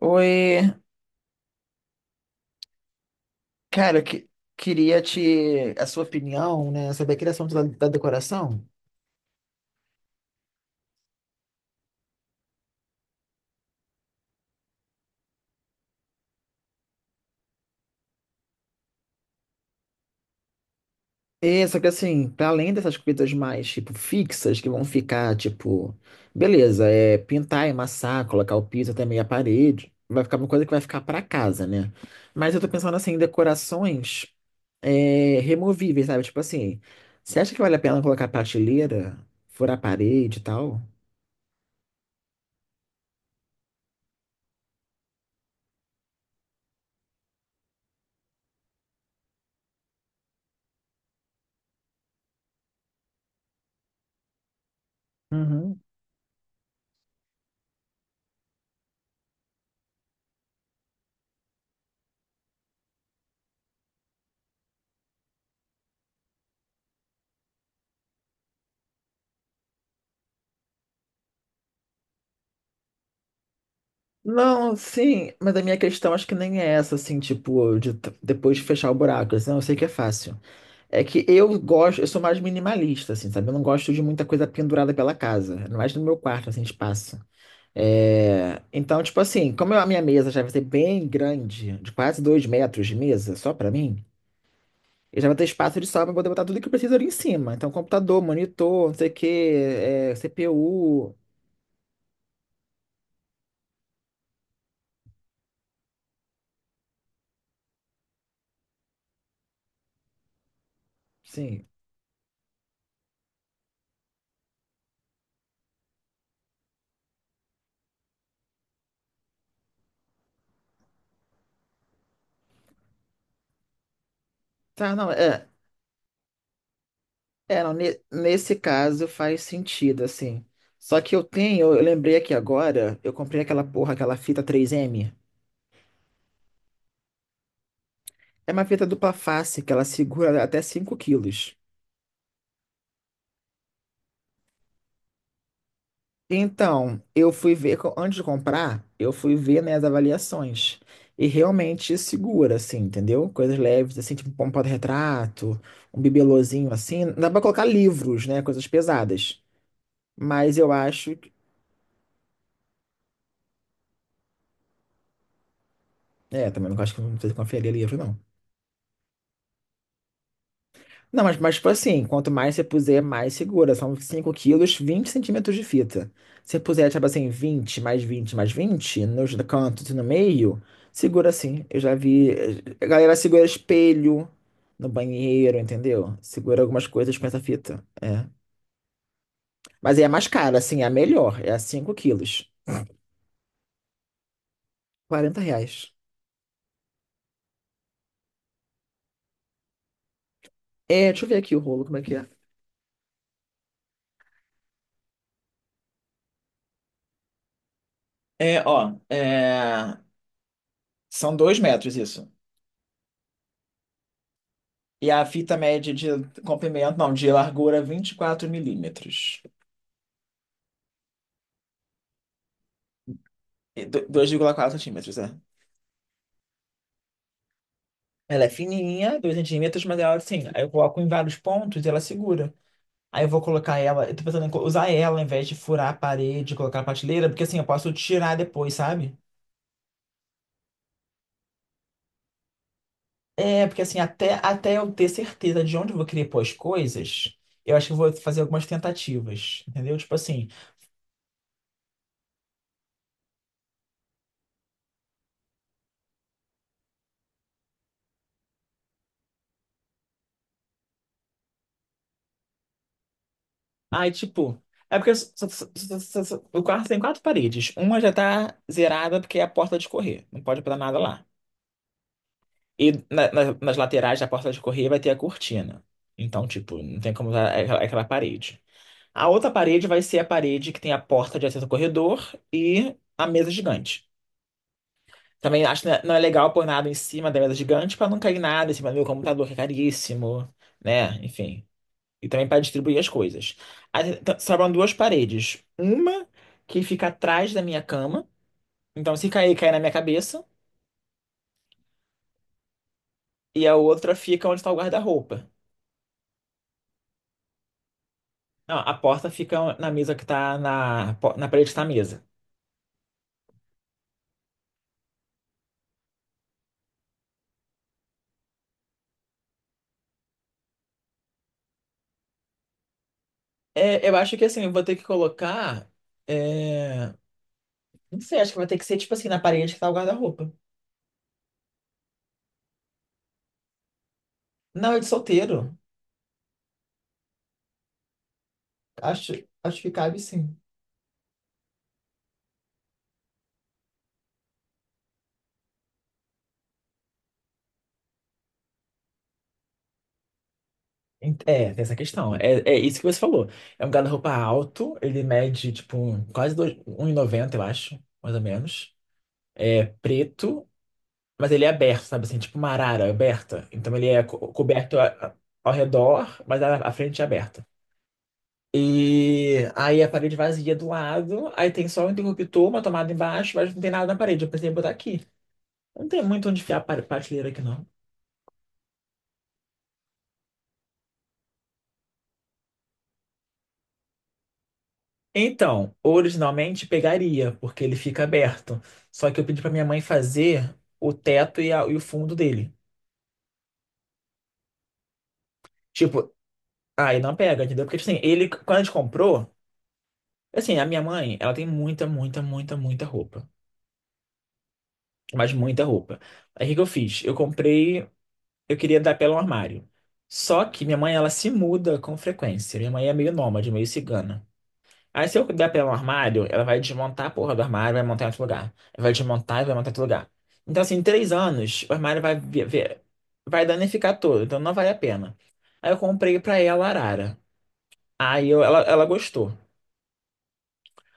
Oi, cara, queria te a sua opinião, né, sobre a criação da decoração. É, só que assim, para além dessas coisas mais tipo fixas que vão ficar tipo, beleza, é pintar, emassar, colocar o piso até meia parede, vai ficar uma coisa que vai ficar para casa, né? Mas eu tô pensando assim em decorações removíveis, sabe? Tipo assim, você acha que vale a pena colocar prateleira, furar a parede e tal? Uhum. Não, sim, mas a minha questão acho que nem é essa, assim, tipo, depois de fechar o buraco, assim, não, eu sei que é fácil. É que eu gosto, eu sou mais minimalista, assim, sabe? Eu não gosto de muita coisa pendurada pela casa, ainda mais no meu quarto, assim, espaço. Então, tipo assim, a minha mesa já vai ser bem grande, de quase 2 metros de mesa, só pra mim, eu já vou ter espaço de sobra pra poder botar tudo que eu preciso ali em cima. Então, computador, monitor, não sei o quê, CPU, sim. Tá, não, é. É, não, nesse caso faz sentido, assim. Só que eu lembrei aqui agora, eu comprei aquela porra, aquela fita 3M. É uma fita dupla face, que ela segura até 5 quilos. Então, eu fui ver, co- antes de comprar, eu fui ver, né, as avaliações. E realmente segura, assim, entendeu? Coisas leves, assim, tipo um porta-retrato, um bibelôzinho, assim. Dá pra colocar livros, né, coisas pesadas. Mas eu acho. É, também não acho que não precisa conferir livro, não. Não, mas tipo assim, quanto mais você puser, mais segura. São 5 quilos, 20 centímetros de fita. Se você puser, tipo assim, 20 mais 20 mais 20 nos cantos e no meio, segura assim. Eu já vi. A galera segura espelho no banheiro, entendeu? Segura algumas coisas com essa fita. É. Mas aí é mais cara, assim, é a melhor. É a 5 quilos. 40 reais. É, deixa eu ver aqui o rolo, como é que é. É, ó, são 2 metros isso. E a fita média de comprimento, não, de largura 24 milímetros. E 2,4 centímetros, é. Ela é fininha, 2 centímetros, mas ela assim, aí eu coloco em vários pontos e ela segura. Aí eu vou colocar ela, eu tô pensando em usar ela ao invés de furar a parede, colocar na prateleira, porque assim, eu posso tirar depois, sabe? É, porque assim, até eu ter certeza de onde eu vou querer pôr as coisas, eu acho que eu vou fazer algumas tentativas, entendeu? Tipo assim. Aí, tipo, é porque o quarto tem quatro paredes. Uma já tá zerada porque é a porta de correr. Não pode botar nada lá. E nas laterais da porta de correr vai ter a cortina. Então, tipo, não tem como usar aquela parede. A outra parede vai ser a parede que tem a porta de acesso ao corredor e a mesa gigante. Também acho que não é legal pôr nada em cima da mesa gigante pra não cair nada em cima do meu computador, que é caríssimo, né? Enfim. E também para distribuir as coisas. Aí, sobram duas paredes. Uma que fica atrás da minha cama. Então, se cair, cai na minha cabeça. E a outra fica onde está o guarda-roupa. Não, a porta fica na mesa que tá na parede que tá a mesa. É, eu acho que assim, eu vou ter que colocar. é, Não sei, acho que vai ter que ser tipo assim, na parede que tá o guarda-roupa. Não, é de solteiro. Acho, acho que cabe sim. É, tem essa questão. É, é isso que você falou. É um guarda-roupa alto, ele mede tipo um e noventa, eu acho, mais ou menos. É preto, mas ele é aberto, sabe assim, tipo uma arara aberta. Então ele é coberto ao redor, mas a frente é aberta. E aí a parede vazia do lado, aí tem só um interruptor, uma tomada embaixo, mas não tem nada na parede. Eu pensei em botar aqui. Não tem muito onde enfiar a prateleira aqui, não. Então, originalmente pegaria, porque ele fica aberto. Só que eu pedi pra minha mãe fazer o teto e o fundo dele. Tipo, aí não pega, entendeu? Porque tipo assim, ele, quando a gente comprou, assim, a minha mãe, ela tem muita, muita, muita, muita roupa. Mas muita roupa. Aí o que que eu fiz? Eu queria dar pela um armário. Só que minha mãe, ela se muda com frequência. Minha mãe é meio nômade, meio cigana. Aí se eu der pra ela um armário, ela vai desmontar a porra do armário, vai montar em outro lugar. Ela vai desmontar e vai montar em outro lugar. Então, assim, em 3 anos, o armário vai danificar todo, então não vale a pena. Aí eu comprei pra ela a arara. Aí ela gostou.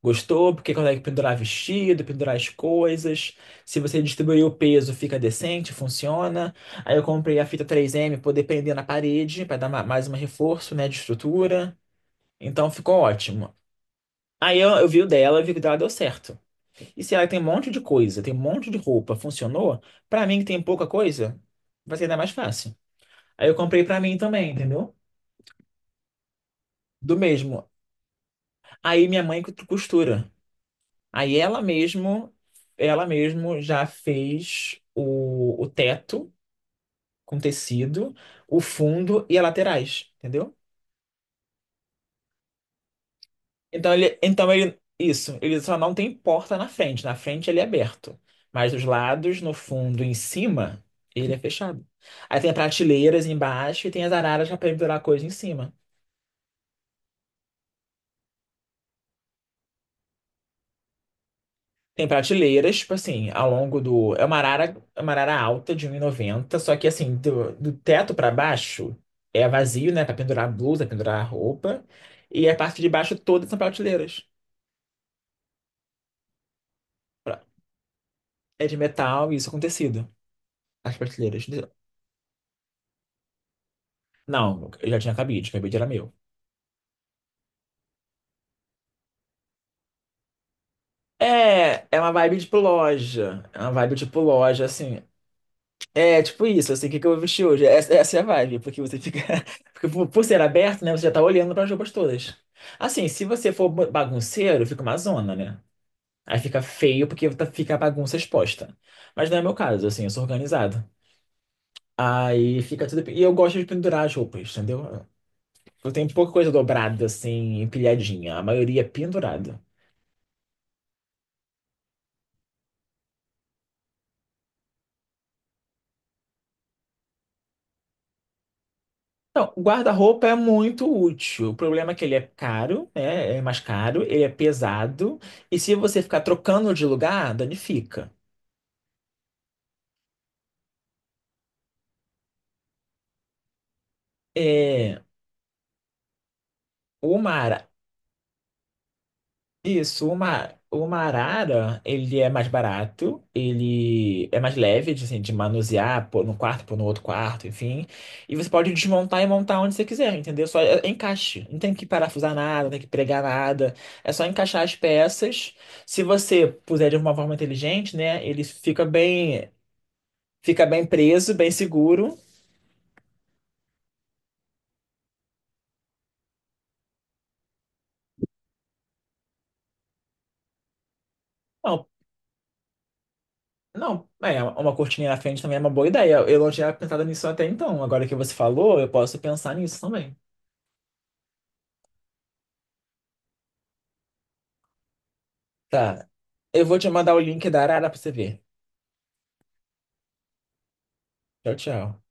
Gostou porque consegue pendurar vestido, pendurar as coisas. Se você distribuir o peso, fica decente, funciona. Aí eu comprei a fita 3M poder prender na parede, pra dar mais um reforço, né, de estrutura. Então ficou ótimo. Aí eu vi o dela, eu vi que o dela deu certo. E se ela tem um monte de coisa, tem um monte de roupa, funcionou, pra mim que tem pouca coisa, vai ser ainda mais fácil. Aí eu comprei pra mim também, entendeu? Do mesmo. Aí minha mãe costura. Costura. Aí ela mesmo já fez o teto com tecido, o fundo e as laterais, entendeu? Isso. Ele só não tem porta na frente. Na frente ele é aberto, mas os lados, no fundo, e em cima, ele é fechado. Aí tem prateleiras embaixo e tem as araras para pendurar coisa em cima. Tem prateleiras, tipo assim, ao longo do. É uma arara alta de um e noventa só que assim, do teto para baixo é vazio, né? Para pendurar blusa, pendurar roupa. E a parte de baixo todas são prateleiras. Pra- É de metal e isso é com tecido. As prateleiras. Não, eu já tinha cabide, cabide era meu. É uma vibe tipo loja. É uma vibe tipo loja, assim. É tipo isso, assim, o que que eu vou vestir hoje? Essa é a vibe, porque você fica. Porque por ser aberto, né? Você já tá olhando para as roupas todas. Assim, se você for bagunceiro, fica uma zona, né? Aí fica feio porque fica a bagunça exposta. Mas não é meu caso, assim, eu sou organizado. Aí fica tudo. E eu gosto de pendurar as roupas, entendeu? Eu tenho pouca coisa dobrada, assim, empilhadinha. A maioria é pendurada. Então, o guarda-roupa é muito útil. O problema é que ele é caro, né? É mais caro, ele é pesado. E se você ficar trocando de lugar, danifica. É, o mar. Isso, uma arara, ele é mais barato, ele é mais leve, de, assim, de manusear, pôr no quarto, pôr no outro quarto, enfim. E você pode desmontar e montar onde você quiser, entendeu? Só é encaixe. Não tem que parafusar nada, não tem que pregar nada. É só encaixar as peças. Se você puser de uma forma inteligente, né, ele fica bem preso, bem seguro. Não, não, uma cortininha na frente também é uma boa ideia. Eu não tinha pensado nisso até então. Agora que você falou, eu posso pensar nisso também. Tá. Eu vou te mandar o link da Arara pra você ver. Tchau, tchau.